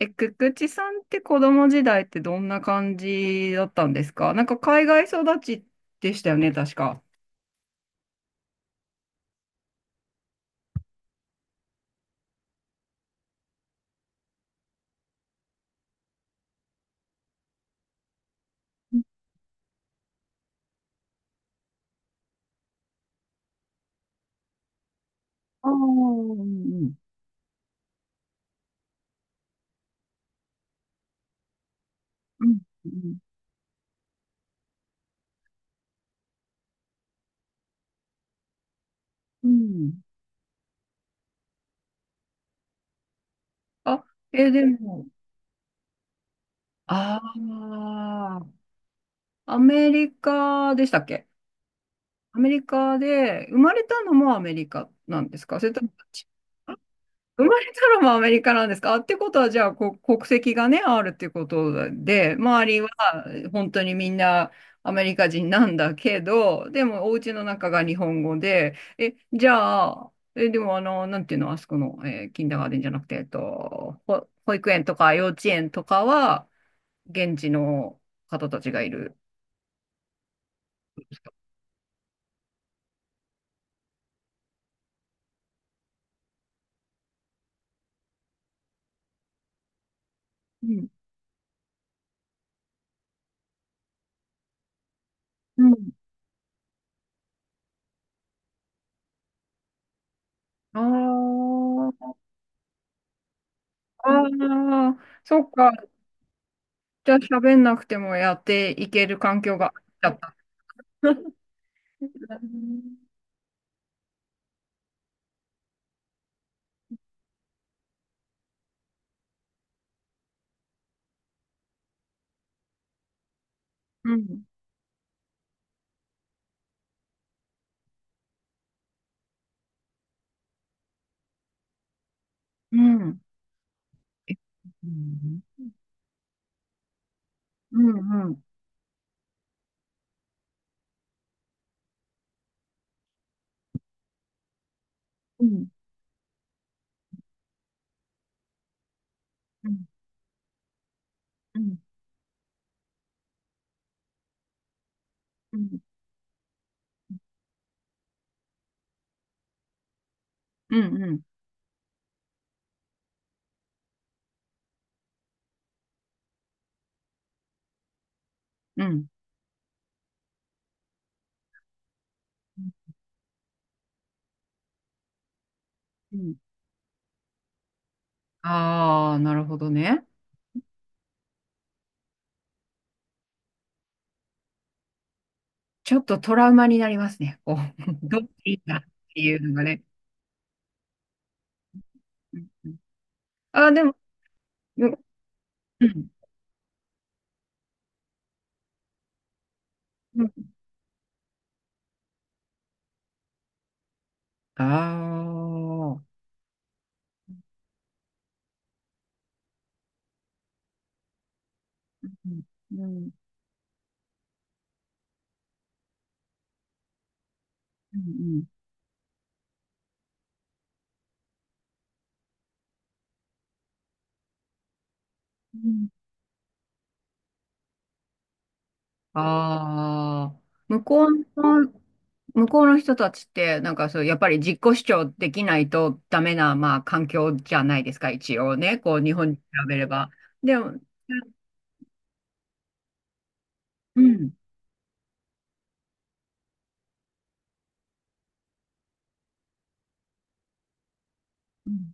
くくちさんって子供時代ってどんな感じだったんですか？なんか海外育ちでしたよね、確か。ああ、うん、うん、うん、うん。あ、でも、ああ、アメリカでしたっけ？アメリカで、生まれたのもアメリカなんですか？それとも生まれたのもアメリカなんですか？ってことは、じゃあ、国籍がね、あるってことで、周りは本当にみんなアメリカ人なんだけど、でもお家の中が日本語で、じゃあ、でもなんていうの、あそこの、キンダーガーデンじゃなくて、保育園とか幼稚園とかは、現地の方たちがいる。うん。うん、あーあー、そっか。じゃあ喋んなくてもやっていける環境があっちゃった。うん。うん。うん。えうん。うん。うん。うん。うん。うん。うん。うん。うん。うん、うん、ああー、なるほどね。ちょっとトラウマになりますね。こう、どっちだっていうのがね。うん、うん、あー、でも、うん。うん、うん、ああ。うん。うん。うん。うん、ああ。向こうの向こうの人たちって、なんかそう、やっぱり自己主張できないとダメな、まあ、環境じゃないですか、一応ね。こう、日本に比べれば。でも、うん。うん。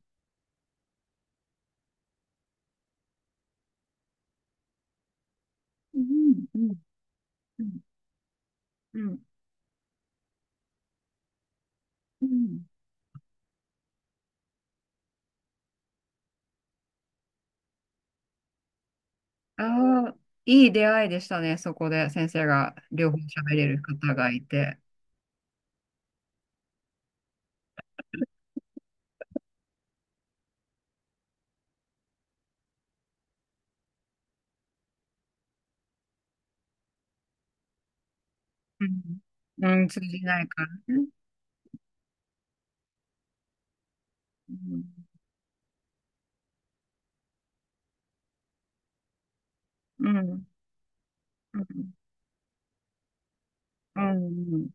うん。うん。うん。うん、ああー、いい出会いでしたね、そこで。先生が両方喋れる方がいて。うん。うん、通じないからね。うん。うん。うん。うん。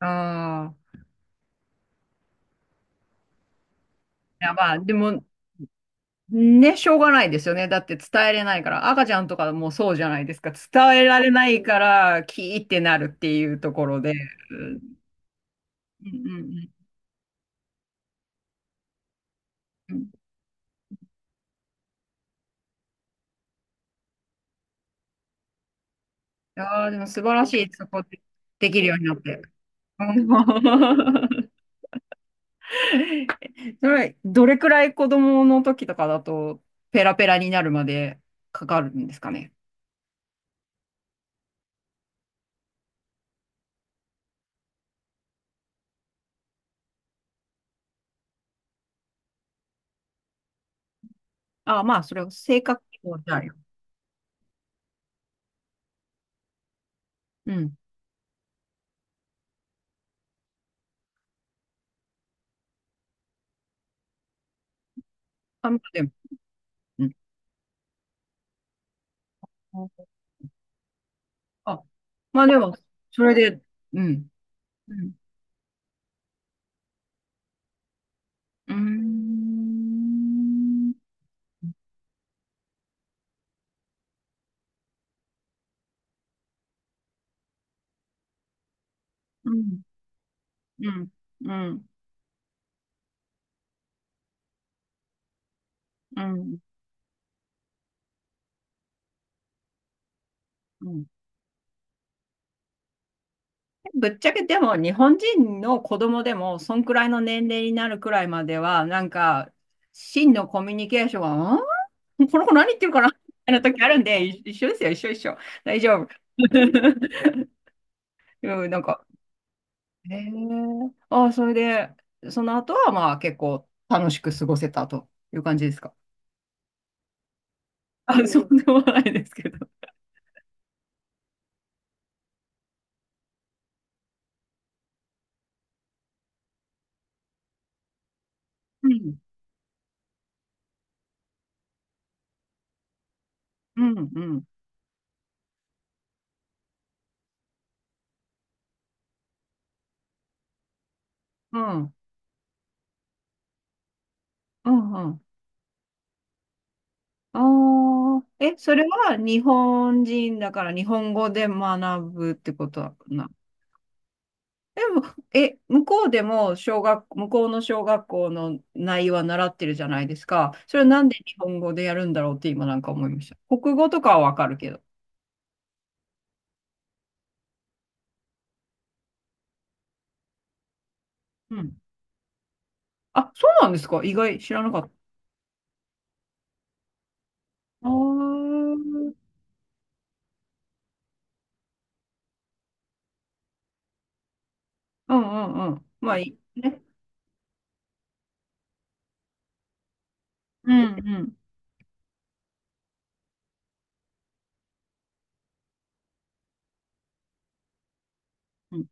ああ、いや、まあ、でも、ね、しょうがないですよね。だって伝えれないから。赤ちゃんとかもそうじゃないですか。伝えられないから、キーってなるっていうところで。うん、うん、うん、うん。いやーでも素晴らしい、そこで、できるようになって。うん。 それ、どれくらい子供の時とかだと、ペラペラになるまでかかるんですかね？あ、まあ、それは性格記号じゃないよ。うん。あ、まあでも、うん。あ、まあでも、それで、うん。うん、うーん。うん。うん。うん。うん。うん。ぶっちゃけでも日本人の子供でもそんくらいの年齢になるくらいまでは、なんか真のコミュニケーションは、この子何言ってるかなみたいな時あ るんで、一緒ですよ、一緒一緒。大丈夫。うん、なんか、へえ。ああ、それで、その後はまあ結構楽しく過ごせたという感じですか？あ、そうでもないですけど。うん、うん、うん、うん。うん、うん。ああ、それは日本人だから日本語で学ぶってことな？でも、向こうでも向こうの小学校の内容は習ってるじゃないですか。それはなんで日本語でやるんだろうって今なんか思いました。国語とかはわかるけど。うん。あ、そうなんですか？意外、知らなかった。ああ、うん、うん、うん。まあいいね。うん、うん。うん、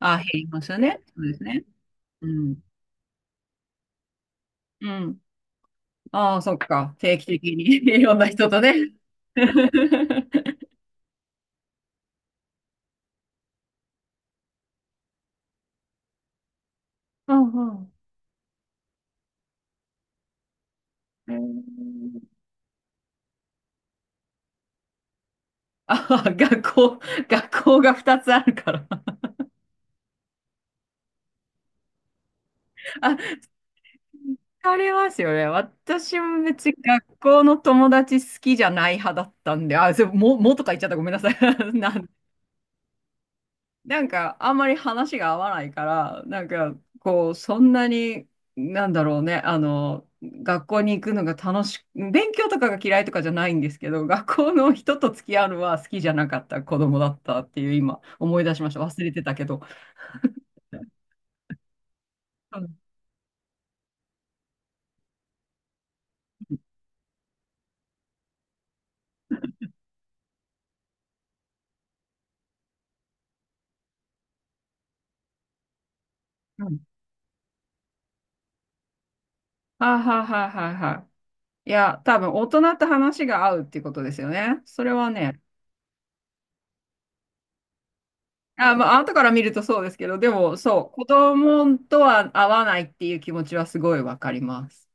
あ、減りますよね。そうですね。うん。うん。ああ、そっか。定期的に いろんな人とね。うん、うん。えーああ、学校が2つあるから。あ、ありますよね。私も別に学校の友達好きじゃない派だったんで、あ、それも、もとか言っちゃった。ごめんなさい。ななんか、あんまり話が合わないから、なんか、こう、そんなに、なんだろうね、学校に行くのが楽しく、勉強とかが嫌いとかじゃないんですけど、学校の人と付き合うのは好きじゃなかった子供だったっていう、今、思い出しました。忘れてたけど。うん。うん。はいはいはいはいはい。いや、多分、大人と話が合うっていうことですよね。それはね。あ、まあ、後から見るとそうですけど、でも、そう、子供とは合わないっていう気持ちはすごいわかります。